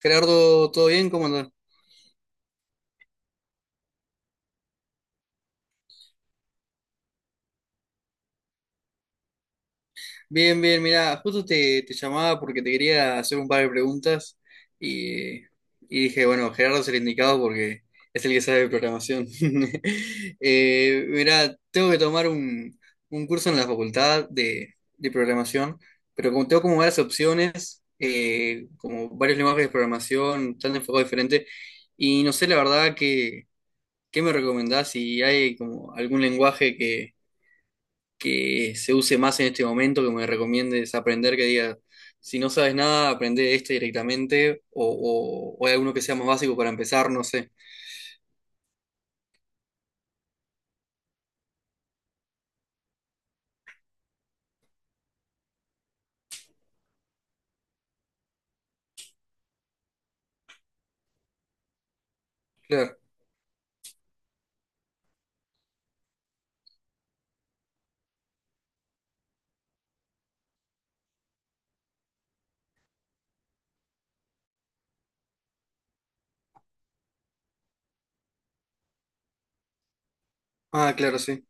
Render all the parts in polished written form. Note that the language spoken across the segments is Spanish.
Gerardo, ¿todo bien? ¿Cómo andas? Bien, bien, mira, justo te llamaba porque te quería hacer un par de preguntas y, y dije, bueno, Gerardo es el indicado porque es el que sabe de programación. Mira, tengo que tomar un curso en la facultad de programación, pero como tengo como varias opciones, como varios lenguajes de programación, tan enfocados diferentes, y no sé la verdad qué me recomendás si hay como algún lenguaje que se use más en este momento, que me recomiendes aprender, que diga, si no sabes nada, aprende este directamente, o hay alguno que sea más básico para empezar, no sé. Claro. Ah, claro, sí.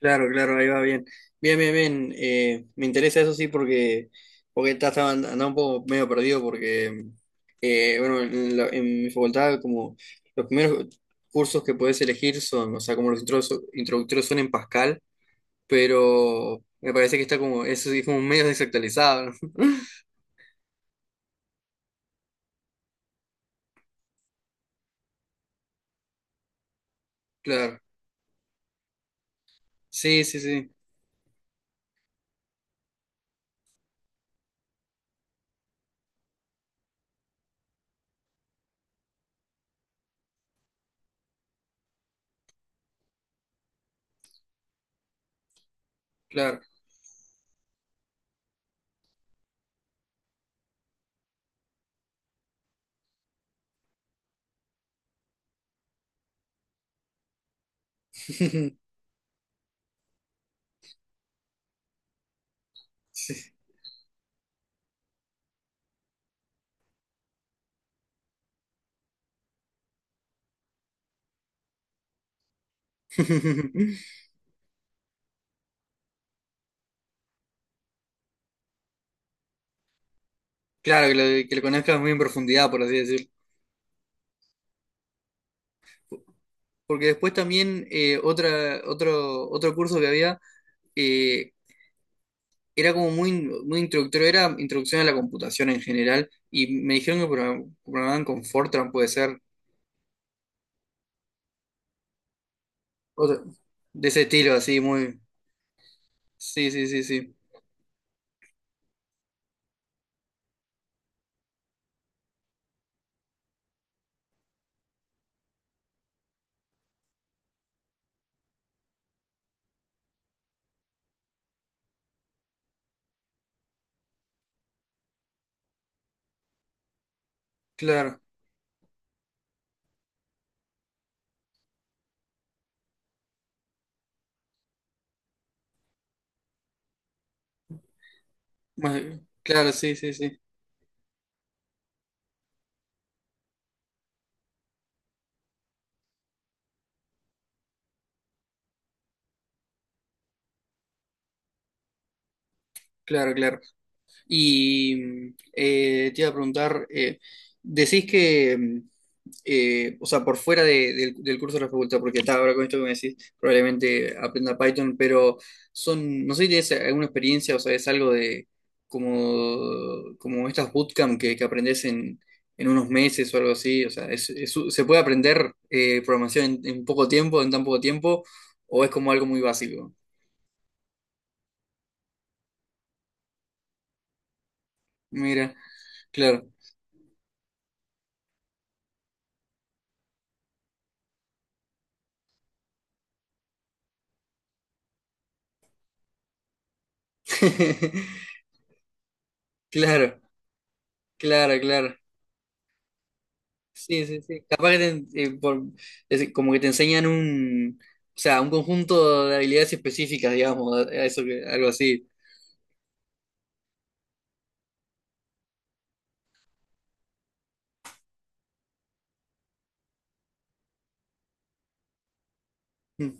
Claro, claro, ahí va bien. Bien, bien, bien. Me interesa eso sí porque, porque estaba andaba un poco medio perdido porque, bueno, en mi facultad como los primeros cursos que podés elegir son, o sea, como los introductorios son en Pascal. Pero me parece que está como, eso sí, como medio desactualizado, ¿no? Claro, sí, sí, sí, claro. Sí. Claro, que que lo conozcas muy en profundidad, por así decirlo. Porque después también otro curso que había eh, era como muy, muy introductorio, era introducción a la computación en general, y me dijeron que programaban con Fortran, puede ser, otro- de ese estilo, así, muy... Sí, sí, sí, sí, claro, más- claro, sí, sí, sí, claro, claro. Y te iba a preguntar, decís que, o sea, por fuera del curso de la facultad, porque está ahora con esto que me decís, probablemente aprenda Python, pero son, no sé si tienes alguna experiencia o sea es algo de como, como estas bootcamp que aprendés en unos meses o algo así, o sea, ¿se puede aprender programación en poco tiempo, en tan poco tiempo, o es como algo muy básico? Mira, claro, claro. Claro, claro, claro. Sí, sí, sí. Capaz que te, es decir, como que te enseñan o sea, un conjunto de habilidades específicas, digamos, a eso algo así. Mm,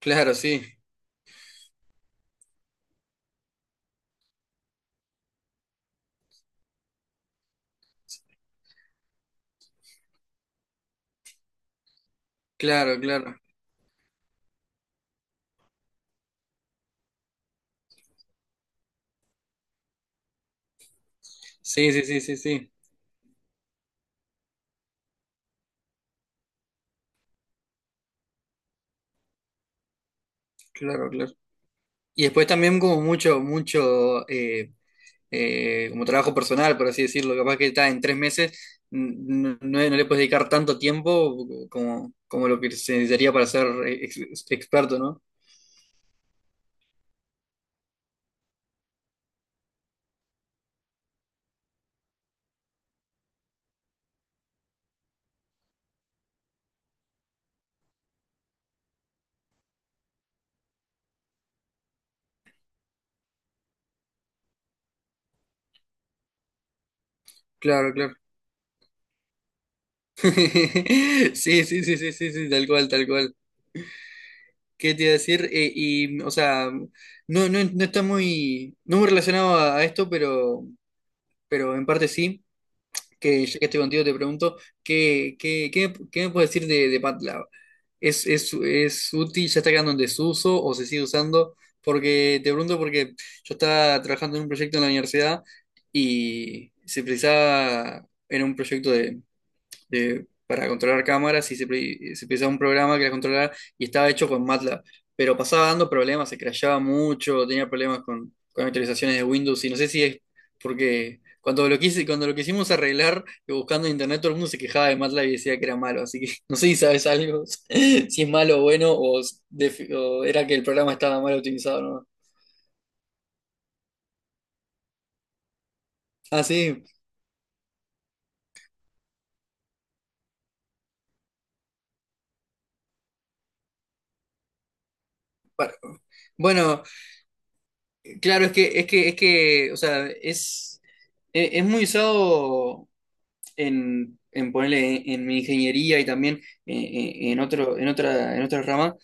Claro, sí, claro, claro. Sí, sí, sí, sí, sí, claro, claro. Y después también como mucho, mucho, como trabajo personal, por así decirlo, capaz que está en tres meses, no, no le puedes dedicar tanto tiempo como, como lo que se necesitaría para ser experto, ¿no? Claro, claro. Sí, sí, sí, sí, sí, sí, tal cual, tal cual. ¿Qué te iba a decir? Y, o sea, no, no, no está muy, no muy relacionado a esto, pero en parte sí, que ya que estoy contigo te pregunto, ¿qué, qué, qué, qué me puedes decir de MATLAB? Es útil? ¿Ya está quedando en desuso o se sigue usando? Porque te pregunto porque yo estaba trabajando en un proyecto en la universidad y se precisaba, era un proyecto para controlar cámaras y se utilizaba un programa que las controlara y estaba hecho con MATLAB. Pero pasaba dando problemas, se crashaba mucho, tenía problemas con actualizaciones de Windows y no sé si es porque cuando lo quise, cuando lo quisimos arreglar, buscando en internet, todo el mundo se quejaba de MATLAB y decía que era malo. Así que no sé si sabes algo, si es malo o bueno, o era que el programa estaba mal utilizado, ¿no? Ah, sí. Pa- Bueno, claro, es que, es que, es que, o sea, es, es muy usado en ponerle en mi ingeniería y también eh, en otro, en otra rama,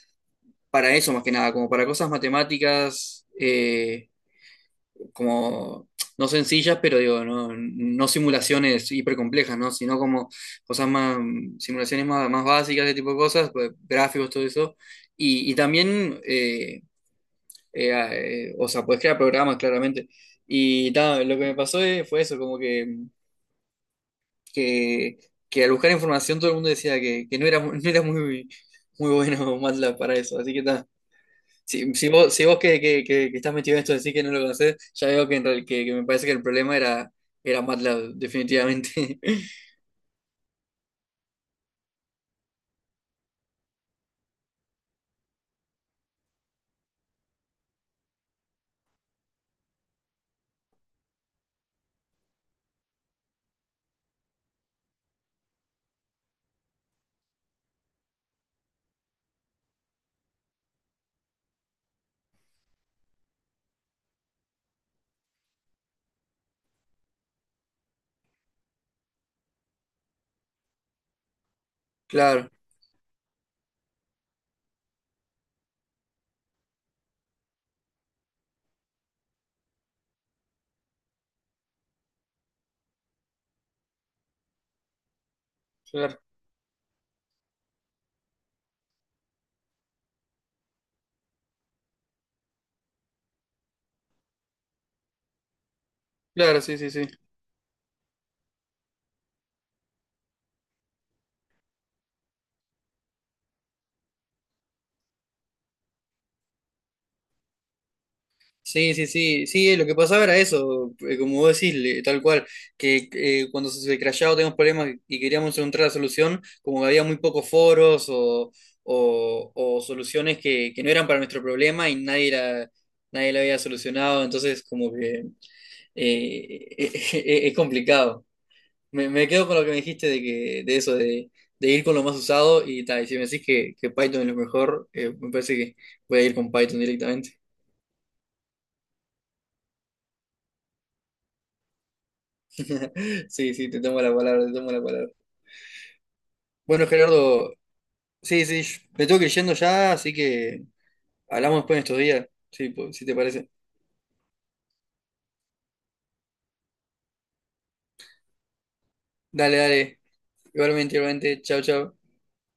para eso más que nada, como para cosas matemáticas, como no sencillas, pero digo, no, no simulaciones hipercomplejas, ¿no? Sino como cosas más, simulaciones más, más básicas, ese tipo de cosas, pues, gráficos, todo eso. Y también, o sea, puedes crear programas claramente. Y ta, lo que me pasó fue eso, como que que, que al buscar información todo el mundo decía que no era, no era muy, muy bueno MATLAB para eso. Así que está. Si, si vos que estás metido en esto decís que no lo conocés, ya veo que, que me parece que el problema era, era MATLAB, definitivamente. Claro, claro, claro, sí, sí, sí. Sí, sí, sí, sí, lo que pasaba era eso, como vos decís, tal cual, que cuando se crashaba teníamos problemas y queríamos encontrar la solución, como que había muy pocos foros o soluciones que no eran para nuestro problema y nadie la, nadie la había solucionado, entonces como que eh, es complicado. Me quedo con lo que me dijiste de que, de eso, de ir con lo más usado y tal, y si me decís que Python es lo mejor, me parece que voy a ir con Python directamente. Sí, sí, te tomo la palabra, te tomo la palabra. Bueno, Gerardo, sí, sí, me tengo que ir yendo ya, así que hablamos después en estos días, sí, si te parece. Dale, dale, igualmente, igualmente, chao, chao.